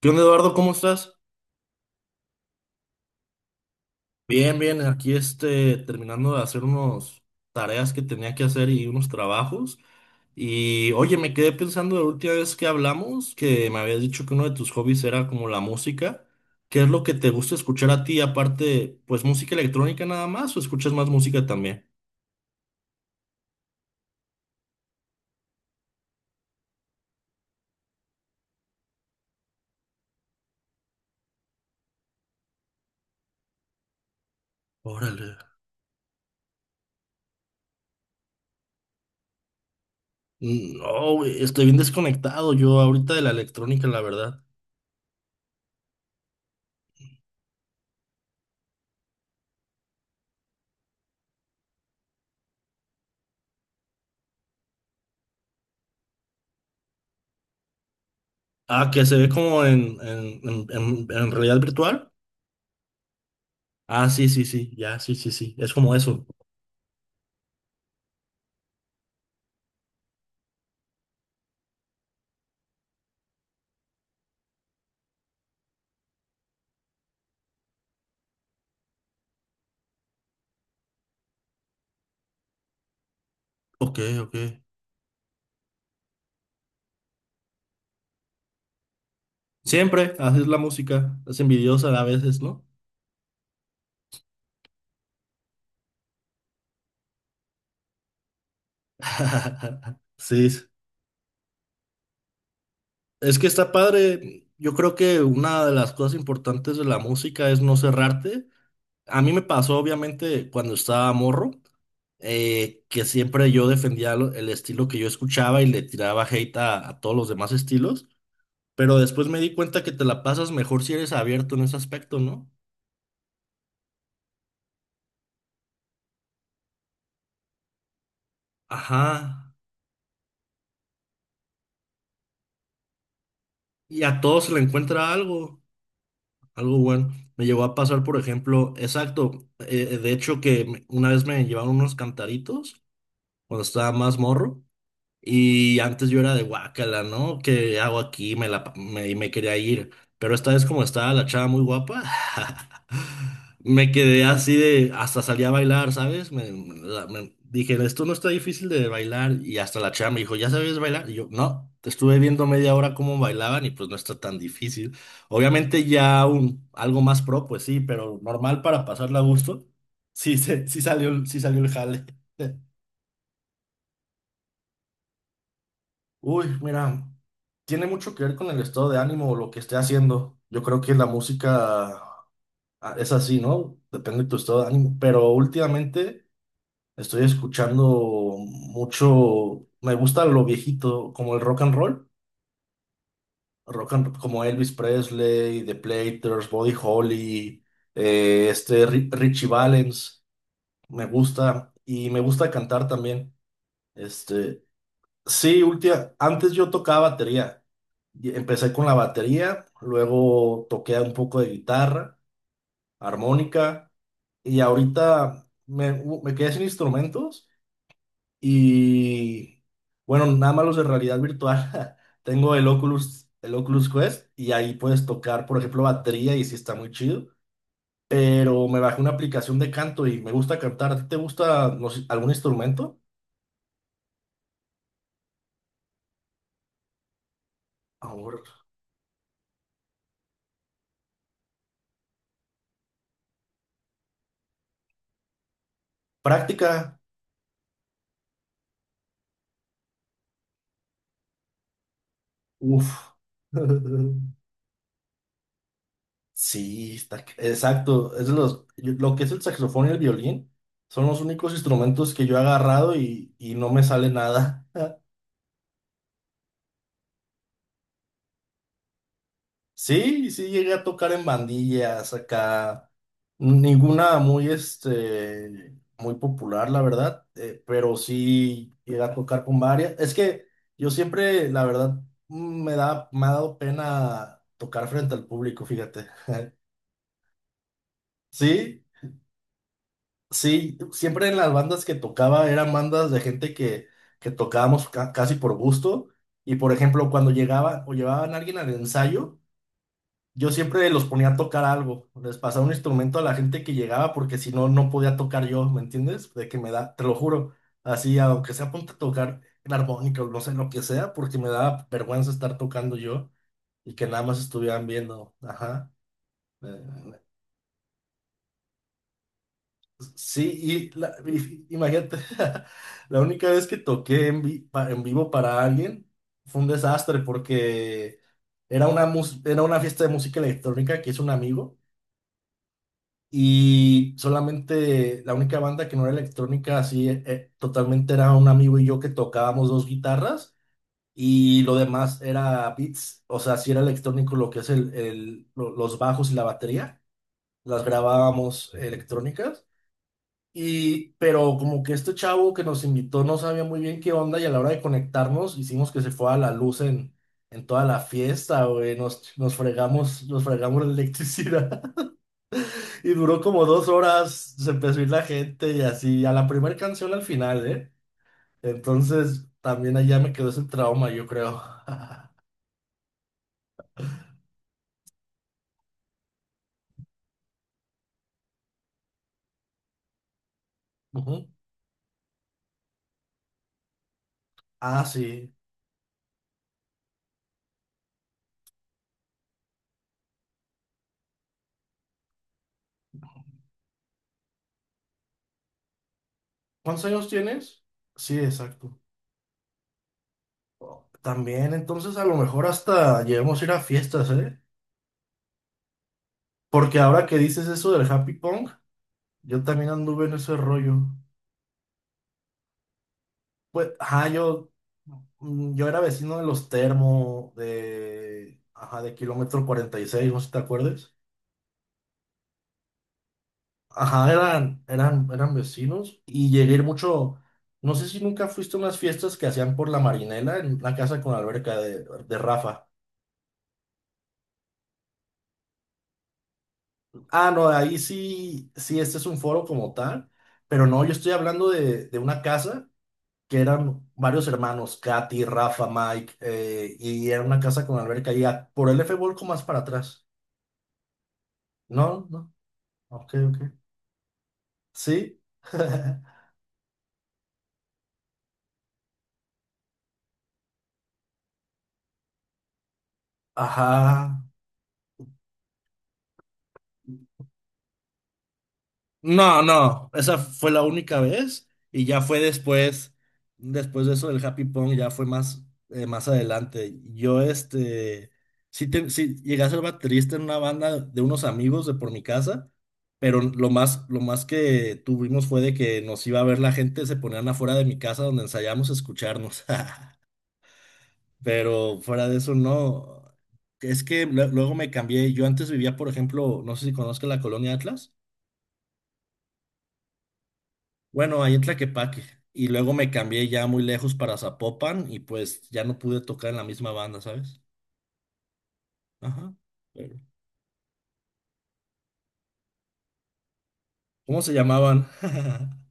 ¿Qué onda, Eduardo? ¿Cómo estás? Bien, bien, aquí terminando de hacer unas tareas que tenía que hacer y unos trabajos. Y oye, me quedé pensando la última vez que hablamos, que me habías dicho que uno de tus hobbies era como la música. ¿Qué es lo que te gusta escuchar a ti? Aparte, pues música electrónica nada más, o escuchas más música también. Órale. No, güey, estoy bien desconectado yo ahorita de la electrónica, la verdad. Ah, que se ve como en realidad virtual. Ah, sí, sí, sí, ya, sí, sí, sí. Es como eso. Ok, ok. Siempre haces la música. Es envidiosa a veces, ¿no? Sí, es que está padre. Yo creo que una de las cosas importantes de la música es no cerrarte. A mí me pasó, obviamente, cuando estaba morro, que siempre yo defendía el estilo que yo escuchaba y le tiraba hate a todos los demás estilos. Pero después me di cuenta que te la pasas mejor si eres abierto en ese aspecto, ¿no? Ajá. Y a todos se le encuentra algo, algo bueno. Me llegó a pasar, por ejemplo, exacto, de hecho que una vez me llevaron unos cantaritos cuando estaba más morro y antes yo era de guácala, ¿no? ¿Qué hago aquí? Me la, pa- me, y me quería ir. Pero esta vez como estaba la chava muy guapa, me quedé así de... Hasta salí a bailar, ¿sabes? Dije, esto no está difícil de bailar. Y hasta la chava me dijo, ¿ya sabes bailar? Y yo, no, estuve viendo media hora cómo bailaban y pues no está tan difícil. Obviamente ya un, algo más pro, pues sí, pero normal para pasarla a gusto. Sí, sí salió el jale. Uy, mira, tiene mucho que ver con el estado de ánimo o lo que esté haciendo. Yo creo que la música es así, ¿no? Depende de tu estado de ánimo. Pero últimamente estoy escuchando mucho, me gusta lo viejito, como el rock and roll, como Elvis Presley, The Platters, Buddy Holly, Richie Valens, me gusta y me gusta cantar también. Este, Sí, última, antes yo tocaba batería. Y empecé con la batería, luego toqué un poco de guitarra, armónica, y ahorita me quedé sin instrumentos y bueno, nada más los de realidad virtual. Tengo el Oculus Quest y ahí puedes tocar, por ejemplo, batería y sí está muy chido, pero me bajé una aplicación de canto y me gusta cantar. ¿A ti te gusta no sé, algún instrumento? Ahora, práctica. Uf. Sí, está, exacto. Es de los, lo que es el saxofón y el violín son los únicos instrumentos que yo he agarrado y no me sale nada. Sí, sí, llegué a tocar en bandillas acá. Ninguna muy, muy popular, la verdad, pero sí llegué a tocar con varias. Es que yo siempre, la verdad, me ha dado pena tocar frente al público, fíjate. Sí, Sí, siempre en las bandas que tocaba eran bandas de gente que tocábamos casi por gusto. Y por ejemplo, cuando llegaba o llevaban a alguien al ensayo, yo siempre los ponía a tocar algo. Les pasaba un instrumento a la gente que llegaba porque si no, no podía tocar yo, ¿me entiendes? De que me da, te lo juro. Así, aunque sea ponte a tocar el armónica o no sé lo que sea, porque me daba vergüenza estar tocando yo y que nada más estuvieran viendo. Ajá. Eh, Sí, y imagínate, la única vez que toqué en vivo para alguien fue un desastre porque era era una fiesta de música electrónica que hizo un amigo y solamente la única banda que no era electrónica así totalmente era un amigo y yo que tocábamos dos guitarras y lo demás era beats, o sea, sí era electrónico lo que es los bajos y la batería, las grabábamos electrónicas y, pero como que este chavo que nos invitó no sabía muy bien qué onda y a la hora de conectarnos hicimos que se fuera la luz en toda la fiesta, güey. Nos fregamos la electricidad y duró como 2 horas, se empezó a ir la gente y así, a la primera canción al final, ¿eh? Entonces también allá me quedó ese trauma, yo creo. Ujú. Ah, sí. ¿Cuántos años tienes? Sí, exacto. También, entonces a lo mejor hasta llevemos a ir a fiestas, ¿eh? Porque ahora que dices eso del Happy Pong, yo también anduve en ese rollo. Pues, ajá, yo era vecino de los Termo, de, ajá, de kilómetro 46, no sé si te acuerdas. Ajá, eran vecinos y llegué a ir mucho. No sé si nunca fuiste a unas fiestas que hacían por la Marinela en la casa con alberca de Rafa. Ah, no, ahí sí, sí, este es un foro como tal, pero no, yo estoy hablando de una casa que eran varios hermanos, Katy, Rafa, Mike, y era una casa con alberca y por el F Volco más para atrás. No, no, ok, ok. Sí. Ajá. No, no, esa fue la única vez y ya fue después, después de eso del Happy Pong, ya fue más, más adelante. Sí, sí llegué a ser baterista en una banda de unos amigos de por mi casa, pero lo más que tuvimos fue de que nos iba a ver la gente, se ponían afuera de mi casa donde ensayamos a escucharnos, pero fuera de eso no. Es que luego me cambié, yo antes vivía, por ejemplo, no sé si conozca la colonia Atlas. Bueno, ahí en Tlaquepaque. Y luego me cambié ya muy lejos para Zapopan y pues ya no pude tocar en la misma banda, ¿sabes? Ajá. Pero, ¿cómo se llamaban?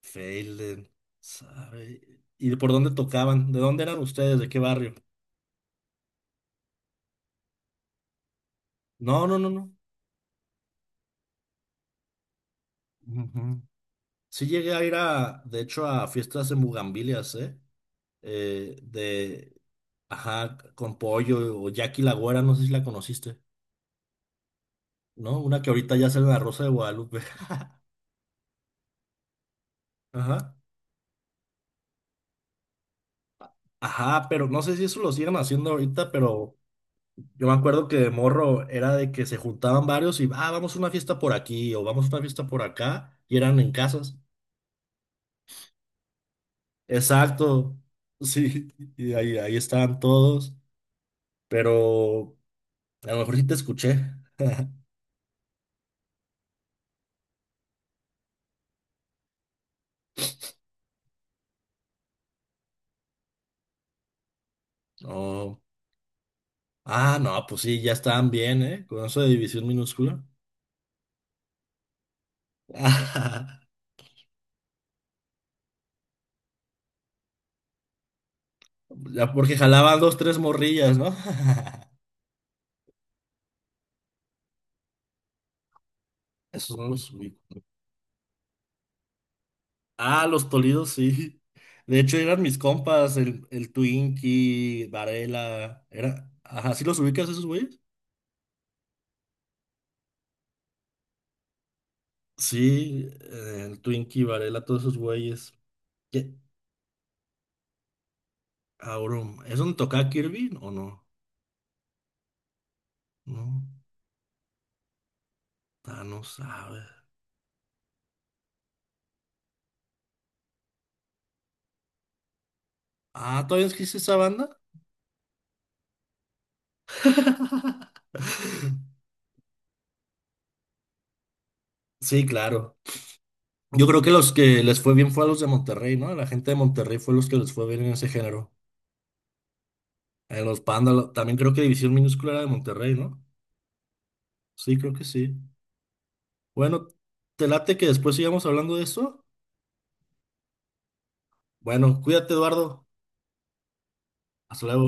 Feilen, ¿sabe? ¿Y por dónde tocaban? ¿De dónde eran ustedes? ¿De qué barrio? No, no, no, no. Ujú. Sí llegué a ir a, de hecho, a fiestas en Bugambilias, ¿eh? Eh, de, ajá, con pollo o Jackie la Güera, no sé si la conociste, ¿no? Una que ahorita ya sale en la Rosa de Guadalupe. Ajá. Ajá, pero no sé si eso lo siguen haciendo ahorita, pero yo me acuerdo que de morro era de que se juntaban varios y, ah, vamos a una fiesta por aquí o vamos a una fiesta por acá, y eran en casas. Exacto, sí, y ahí, ahí estaban todos, pero a lo mejor sí te escuché. No, ah, no, pues sí, ya estaban bien, ¿eh? Con eso de división minúscula. Ya porque jalaban dos, tres morrillas, ¿no? Eso Ah, los Toledos, sí. De hecho, eran mis compas, el Twinkie, Varela, era... Ajá, ¿sí los ubicas esos güeyes? Sí, el Twinkie, Varela, todos esos güeyes. ¿Qué? Aurum, ¿es donde tocaba Kirby o no? No, ah, no sabe. Ah, ¿todavía existe esa banda? Sí, claro. Yo creo que los que les fue bien fue a los de Monterrey, ¿no? A la gente de Monterrey fue los que les fue bien en ese género. En los Panda, también creo que División Minúscula era de Monterrey, ¿no? Sí, creo que sí. Bueno, ¿te late que después sigamos hablando de eso? Bueno, cuídate, Eduardo. Hasta luego.